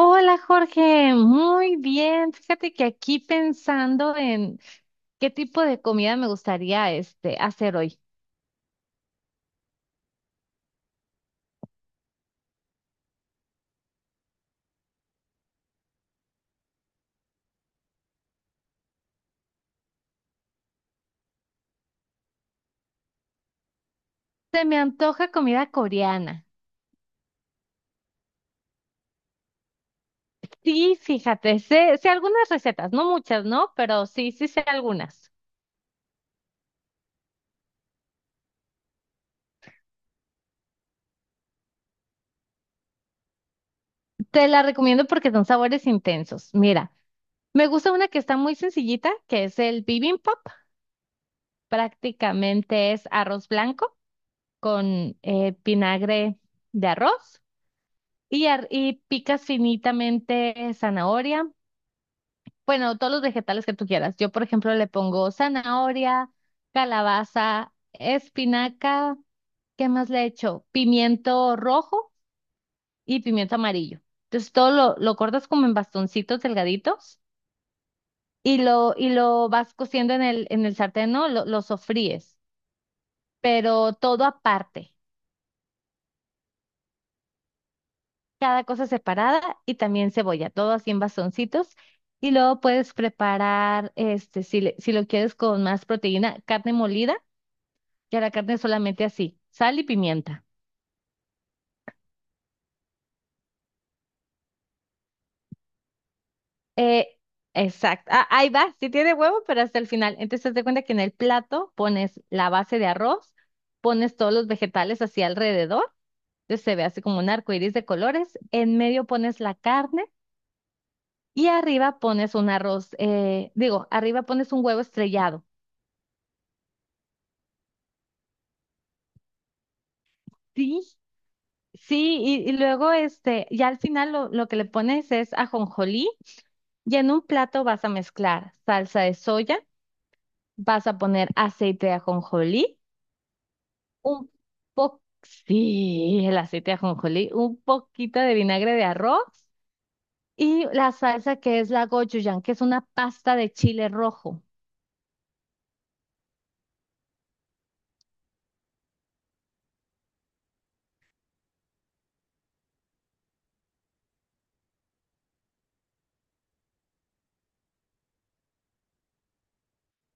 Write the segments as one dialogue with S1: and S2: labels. S1: Hola Jorge, muy bien. Fíjate que aquí pensando en qué tipo de comida me gustaría hacer hoy. Se me antoja comida coreana. Sí, fíjate, sé algunas recetas, no muchas, ¿no? Pero sí, sí sé algunas. Te las recomiendo porque son sabores intensos. Mira, me gusta una que está muy sencillita, que es el bibimbap. Prácticamente es arroz blanco con vinagre de arroz. Y picas finitamente zanahoria. Bueno, todos los vegetales que tú quieras. Yo, por ejemplo, le pongo zanahoria, calabaza, espinaca. ¿Qué más le echo? Pimiento rojo y pimiento amarillo. Entonces, todo lo cortas como en bastoncitos delgaditos y lo vas cociendo en el sartén, ¿no? Lo sofríes, pero todo aparte. Cada cosa separada y también cebolla, todo así en bastoncitos. Y luego puedes preparar, si, si lo quieres con más proteína, carne molida, ya la carne solamente así, sal y pimienta. Eh, exacto. Ah, ahí va, sí tiene huevo, pero hasta el final. Entonces, te cuenta que en el plato pones la base de arroz, pones todos los vegetales así alrededor, entonces se ve así como un arco iris de colores, en medio pones la carne y arriba pones un arroz, digo, arriba pones un huevo estrellado. Sí, sí, y luego ya al final lo que le pones es ajonjolí y en un plato vas a mezclar salsa de soya, vas a poner aceite de ajonjolí, un po sí, el aceite de ajonjolí, un poquito de vinagre de arroz y la salsa que es la gochujang, que es una pasta de chile rojo.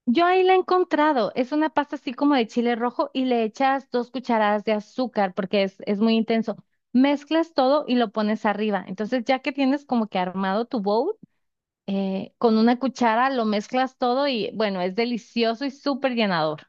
S1: Yo ahí la he encontrado. Es una pasta así como de chile rojo y le echas dos cucharadas de azúcar porque es muy intenso. Mezclas todo y lo pones arriba. Entonces, ya que tienes como que armado tu bowl, con una cuchara lo mezclas todo y bueno, es delicioso y súper llenador.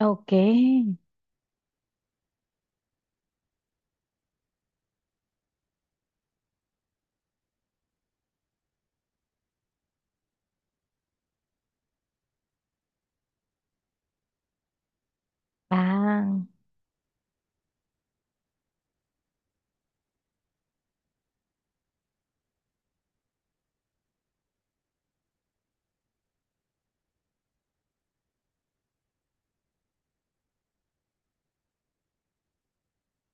S1: Ok. Ah.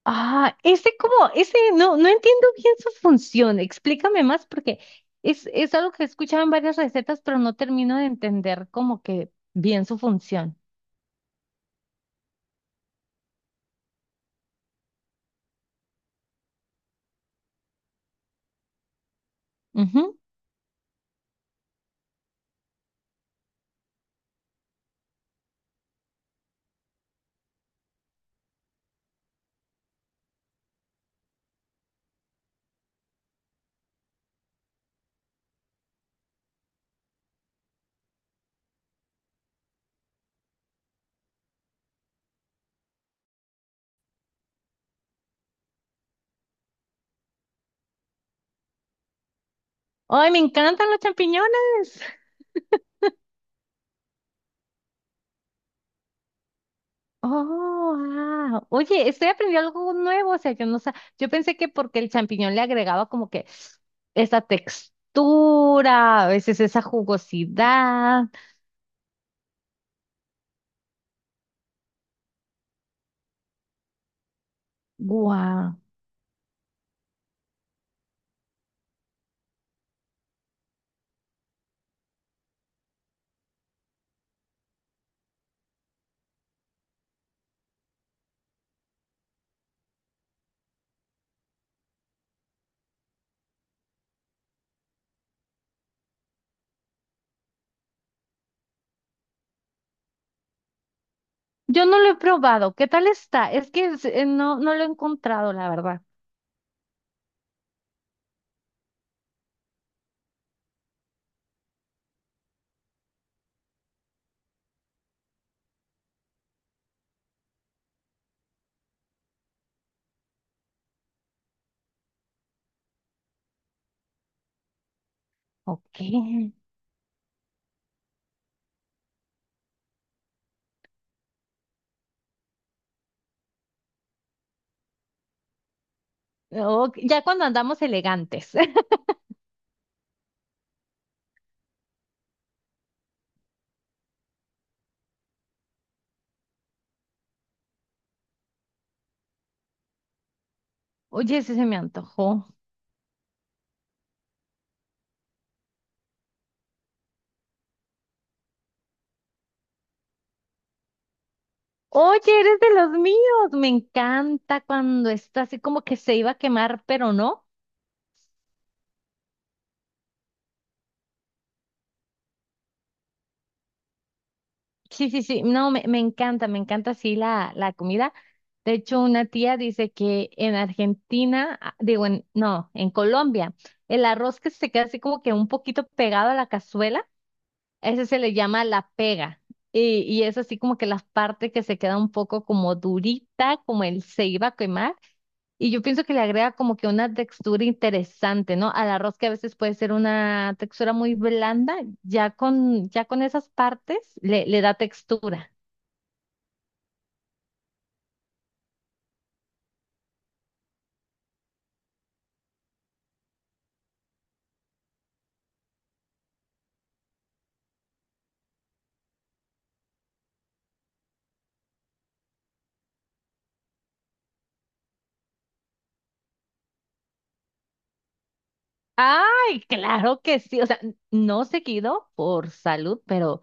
S1: Ah, ese como, ese no, no entiendo bien su función. Explícame más porque es algo que he escuchado en varias recetas, pero no termino de entender como que bien su función. Ujú. Ay, me encantan los champiñones. Oh, ah. Oye, estoy aprendiendo algo nuevo. O sea, yo no sé. Yo pensé que porque el champiñón le agregaba como que esa textura, a veces esa jugosidad. Guau. Yo no lo he probado. ¿Qué tal está? Es que no, no lo he encontrado, la verdad. Ok. Ok, ya cuando andamos elegantes. Oye, ese se me antojó. Oye, eres de los míos. Me encanta cuando está así como que se iba a quemar, pero no. Sí, sí, sí, no, me encanta así la comida. De hecho, una tía dice que en Argentina, ah, digo, en, no, en Colombia, el arroz que se queda así como que un poquito pegado a la cazuela, a ese se le llama la pega. Y es así como que la parte que se queda un poco como durita, como él se iba a quemar. Y yo pienso que le agrega como que una textura interesante, ¿no? Al arroz que a veces puede ser una textura muy blanda, ya con esas partes le da textura. Ay, claro que sí. O sea, no seguido por salud, pero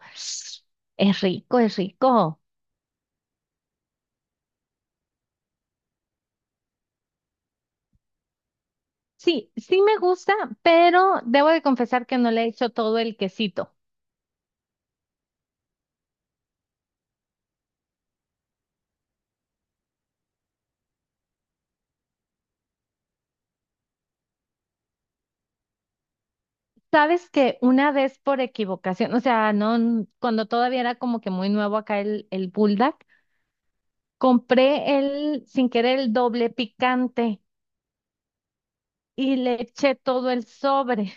S1: es rico, es rico. Sí, sí me gusta, pero debo de confesar que no le he hecho todo el quesito. Sabes que una vez por equivocación, o sea, no, n- cuando todavía era como que muy nuevo acá el Bulldog, compré el, sin querer, el doble picante y le eché todo el sobre.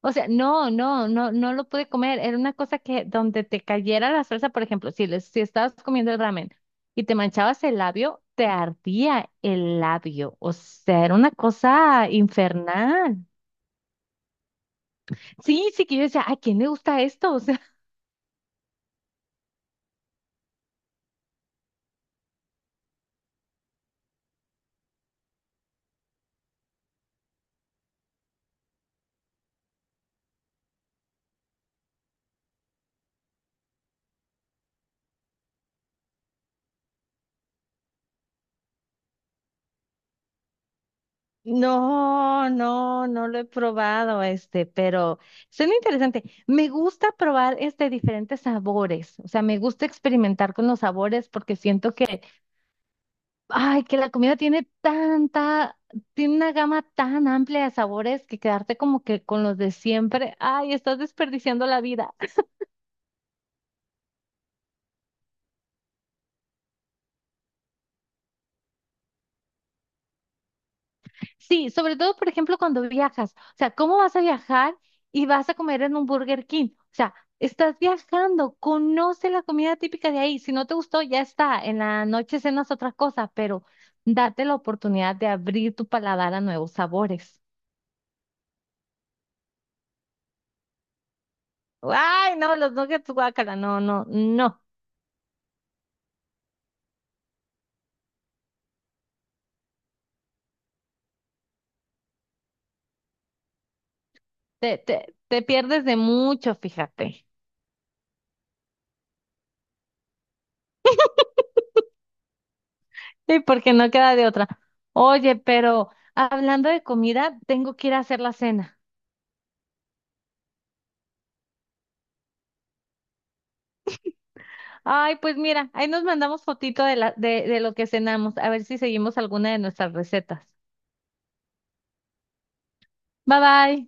S1: O sea, no, no, no, no lo pude comer. Era una cosa que donde te cayera la salsa, por ejemplo, si estabas comiendo el ramen y te manchabas el labio, te ardía el labio. O sea, era una cosa infernal. Sí, sí que yo decía, ¿a quién le gusta esto? O sea, no, no, no lo he probado pero suena interesante. Me gusta probar diferentes sabores. O sea, me gusta experimentar con los sabores porque siento que ay, que la comida tiene tanta, tiene una gama tan amplia de sabores que quedarte como que con los de siempre, ay, estás desperdiciando la vida. Sí, sobre todo, por ejemplo, cuando viajas. O sea, ¿cómo vas a viajar y vas a comer en un Burger King? O sea, estás viajando, conoce la comida típica de ahí. Si no te gustó, ya está. En la noche cenas otra cosa, pero date la oportunidad de abrir tu paladar a nuevos sabores. Ay, no, los nuggets, guácala, no, no, no. Te pierdes de mucho, fíjate. Sí, porque no queda de otra. Oye, pero hablando de comida, tengo que ir a hacer la cena. Ay, pues mira, ahí nos mandamos fotito de lo que cenamos, a ver si seguimos alguna de nuestras recetas. Bye bye.